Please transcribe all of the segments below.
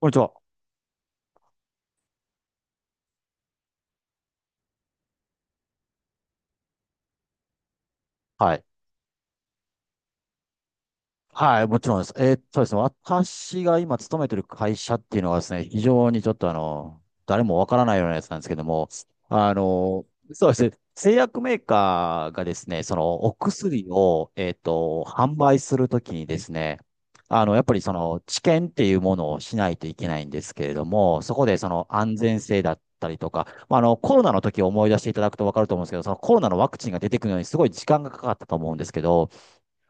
こんにちは。はい。はい、もちろんです。ですね、私が今勤めてる会社っていうのはですね、非常にちょっと誰もわからないようなやつなんですけども、あの、そうですね、製薬メーカーがですね、そのお薬を、販売するときにですね、やっぱりその治験っていうものをしないといけないんですけれども、そこでその安全性だったりとか、まあ、コロナの時を思い出していただくとわかると思うんですけど、そのコロナのワクチンが出てくるのにすごい時間がかかったと思うんですけど、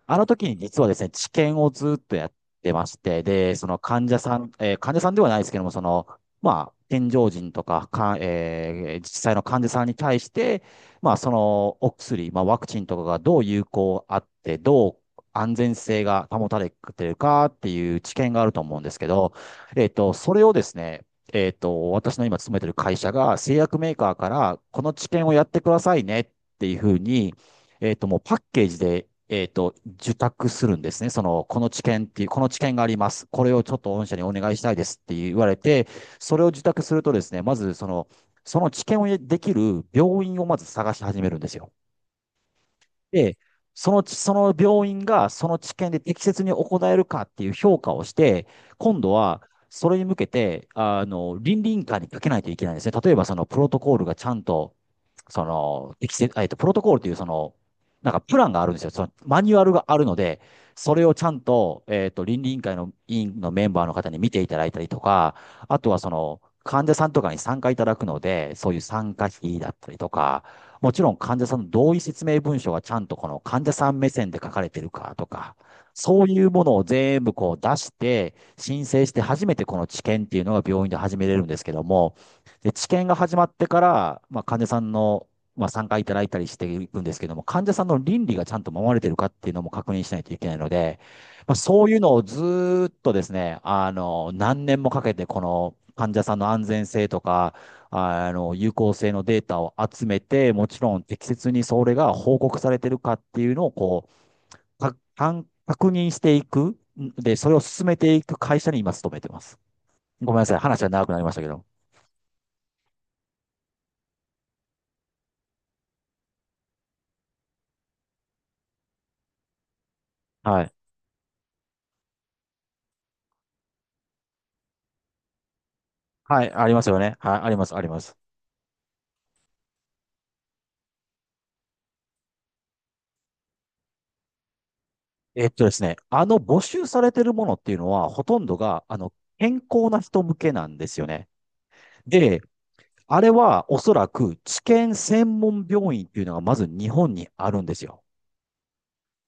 あの時に実はですね、治験をずっとやってまして、で、患者さんではないですけども、その、まあ、健常人とか、実際の患者さんに対して、まあ、そのお薬、まあ、ワクチンとかがどう有効あって、どう安全性が保たれてるかっていう知見があると思うんですけど、それをですね、私の今勤めてる会社が製薬メーカーから、この知見をやってくださいねっていうふうに、もうパッケージで、受託するんですね。その、この知見があります。これをちょっと御社にお願いしたいですって言われて、それを受託するとですね、まずその、その知見をできる病院をまず探し始めるんですよ。で、その病院がその知見で適切に行えるかっていう評価をして、今度は、それに向けて、倫理委員会にかけないといけないんですね。例えば、そのプロトコールがちゃんとその、適切、えっと、プロトコールという、なんかプランがあるんですよ。そのマニュアルがあるので、それをちゃんと、倫理委員会の委員のメンバーの方に見ていただいたりとか、あとはその、患者さんとかに参加いただくので、そういう参加費だったりとか、もちろん患者さんの同意説明文書がちゃんとこの患者さん目線で書かれてるかとか、そういうものを全部こう出して、申請して初めてこの治験っていうのが病院で始めれるんですけども、で、治験が始まってから、まあ、患者さんの、まあ、参加いただいたりしていくんですけども、患者さんの倫理がちゃんと守られてるかっていうのも確認しないといけないので、まあ、そういうのをずーっとですね、何年もかけて、この患者さんの安全性とか、有効性のデータを集めて、もちろん適切にそれが報告されてるかっていうのを、こう、か、かん確認していく。で、それを進めていく会社に今勤めてます。ごめんなさい。話は長くなりましたけど。はい。はい、ありますよね。はい、あります、あります。ですね、募集されてるものっていうのは、ほとんどが、健康な人向けなんですよね。で、あれはおそらく治験専門病院っていうのがまず日本にあるんですよ。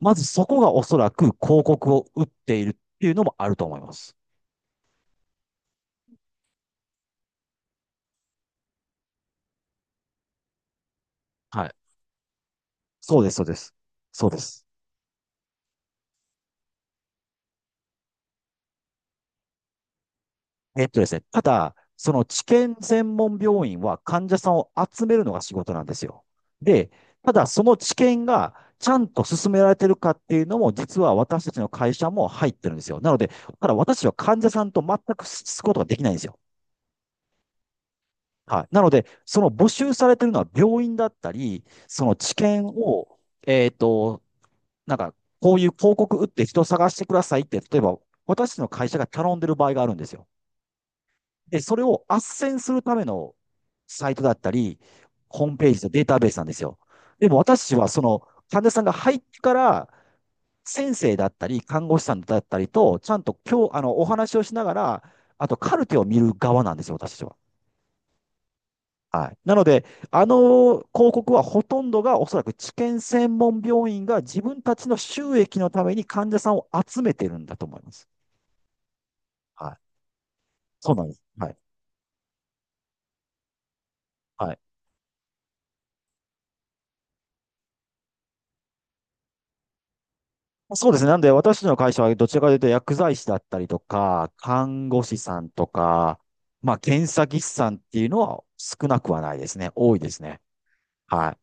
まずそこがおそらく広告を打っているっていうのもあると思います。はい。そうです、そうです。そうです。ですね、ただ、その治験専門病院は患者さんを集めるのが仕事なんですよ。で、ただその治験がちゃんと進められてるかっていうのも、実は私たちの会社も入ってるんですよ。なので、ただ私は患者さんと全く接すことができないんですよ。はい。なので、その募集されてるのは病院だったり、その治験を、えっと、なんか、こういう広告打って人を探してくださいって、例えば、私たちの会社が頼んでる場合があるんですよ。で、それを斡旋するためのサイトだったり、ホームページとデータベースなんですよ。でも私はその患者さんが入ってから、先生だったり、看護師さんだったりと、ちゃんと今日、お話をしながら、あとカルテを見る側なんですよ、私は。はい。なので、あの広告はほとんどがおそらく治験専門病院が自分たちの収益のために患者さんを集めてるんだと思います。はい。そうなんです。はい。はい。そうですね。なんで、私たちの会社はどちらかというと薬剤師だったりとか、看護師さんとか、まあ、検査技師さんっていうのは少なくはないですね。多いですね。はい。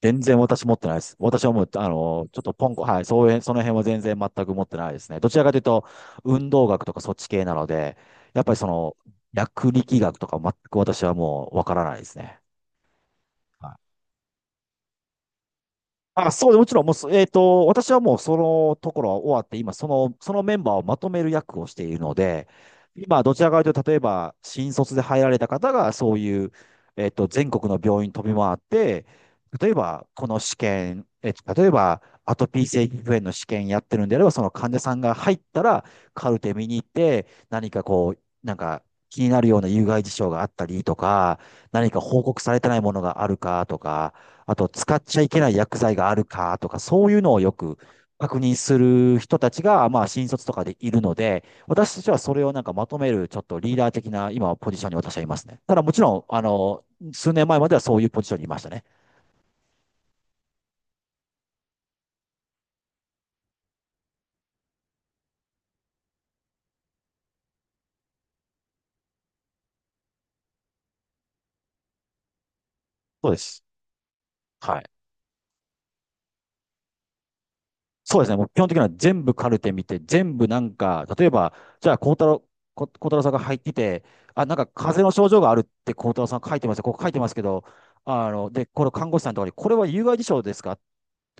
全然私持ってないです。私はもう、あの、ちょっとポンコ、はい、そういう、その辺は全然全く持ってないですね。どちらかというと、運動学とかそっち系なので、やっぱりその、薬力学とか全く私はもうわからないですね。はい。あ、そう、もちろん、もうそ、えっと、私はもうそのところは終わって、今、そのメンバーをまとめる役をしているので、今、どちらかというと、例えば、新卒で入られた方が、そういう、全国の病院飛び回って、例えば、この試験、例えば、アトピー性皮膚炎の試験やってるんであれば、その患者さんが入ったら、カルテ見に行って、何かなんか、気になるような有害事象があったりとか、何か報告されてないものがあるかとか、あと使っちゃいけない薬剤があるかとか、そういうのをよく確認する人たちが、まあ、新卒とかでいるので、私たちはそれをなんかまとめる、ちょっとリーダー的な今、ポジションに私はいますね。ただもちろん、数年前まではそういうポジションにいましたね。そうです。はい。そうですね。もう基本的には全部カルテ見て、全部なんか、例えば、じゃあ、孝太郎さんが入ってて、あ、なんか風邪の症状があるって孝太郎さん書いてますよ。ここ書いてますけど、で、これ看護師さんとかに、これは有害事象ですかっ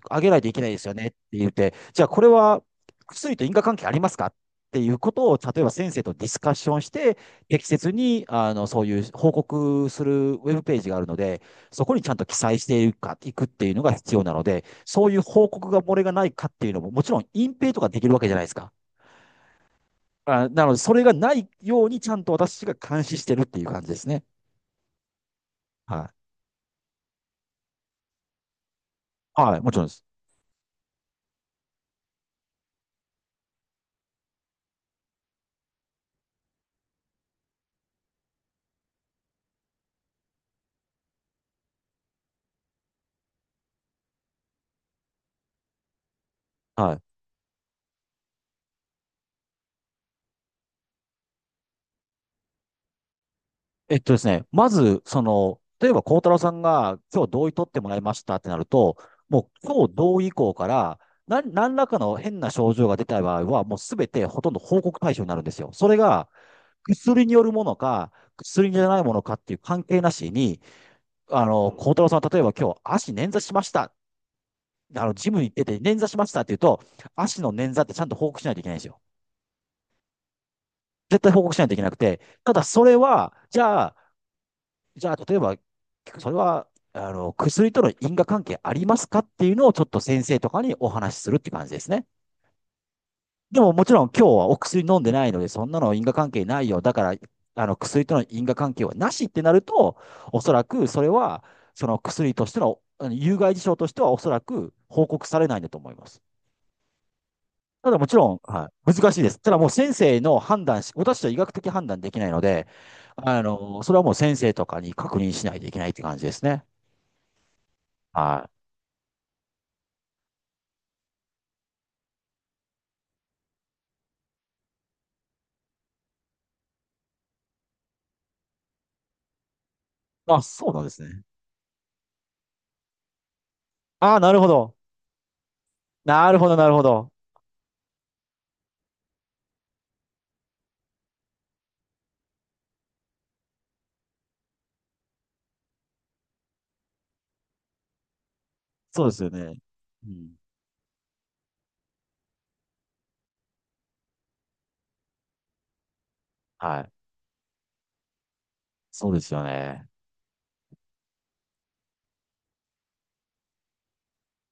上げないといけないですよねって言って、じゃあこれは薬と因果関係ありますかっていうことを、例えば先生とディスカッションして、適切にそういう報告するウェブページがあるので、そこにちゃんと記載していくっていうのが必要なので、そういう報告が漏れがないかっていうのも、もちろん隠蔽とかできるわけじゃないですか。あ、なので、それがないようにちゃんと私が監視してるっていう感じですね。はい。はい、もちろんです。はい。えっとですね、まず、例えば孝太郎さんが今日同意取ってもらいましたってなると、もう今日同意以降から、何らかの変な症状が出た場合は、もうすべてほとんど報告対象になるんですよ。それが薬によるものか、薬じゃないものかっていう関係なしに、孝太郎さんは例えば今日足捻挫しました。ジムに行ってて捻挫しましたって言うと、足の捻挫ってちゃんと報告しないといけないんですよ。絶対報告しないといけなくて、ただそれは、じゃあ、例えば、それは、薬との因果関係ありますかっていうのをちょっと先生とかにお話しするって感じですね。でももちろん今日はお薬飲んでないので、そんなの因果関係ないよ。だから、薬との因果関係はなしってなると、おそらくそれは、その薬としての、有害事象としてはおそらく報告されないんだと思います。ただもちろん、はい、難しいです。ただもう先生の判断し、私は医学的判断できないので、それはもう先生とかに確認しないといけないって感じですね。はい。あ、そうなんですね。ああ、なるほど。なるほど、なるほど。そうですよね。うん。はい。そうですよね。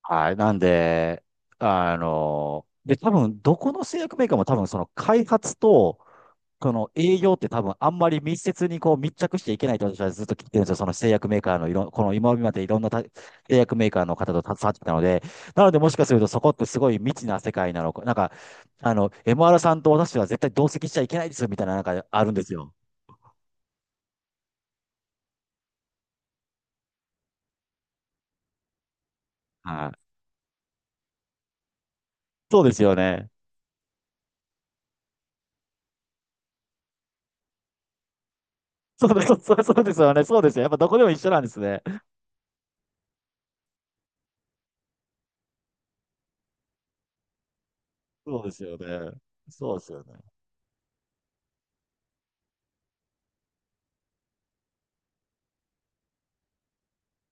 はい。なんで、多分、どこの製薬メーカーも多分、その開発と、この営業って多分、あんまり密接にこう密着していけないと私はずっと聞いてるんですよ。その製薬メーカーのいろん、この今までいろんなた製薬メーカーの方と携わってきたので、なので、もしかするとそこってすごい未知な世界なのか、MR さんと私は絶対同席しちゃいけないですよ、みたいな、なんかあるんですよ。はい。そうですよね。そうです、そうそうですよね。そうですよね。やっぱどこでも一緒なんですね。そうですよね。そうですよね。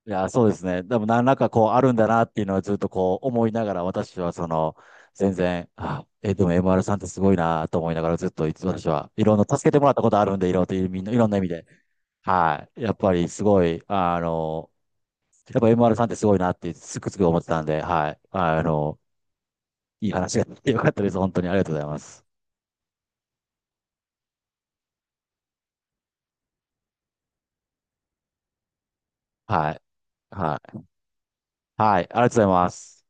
いや、そうですね。でも何らかこうあるんだなっていうのはずっとこう思いながら、私はその、全然、でも MR さんってすごいなと思いながらずっといつ私はいろんな助けてもらったことあるんで、いろんな、みんないろんな意味で。はい。やっぱりすごい、やっぱ MR さんってすごいなってつくつく思ってたんで、はい。いい話ができてよかったです。本当にありがとうございます。はい。はい。はい、ありがとうございます。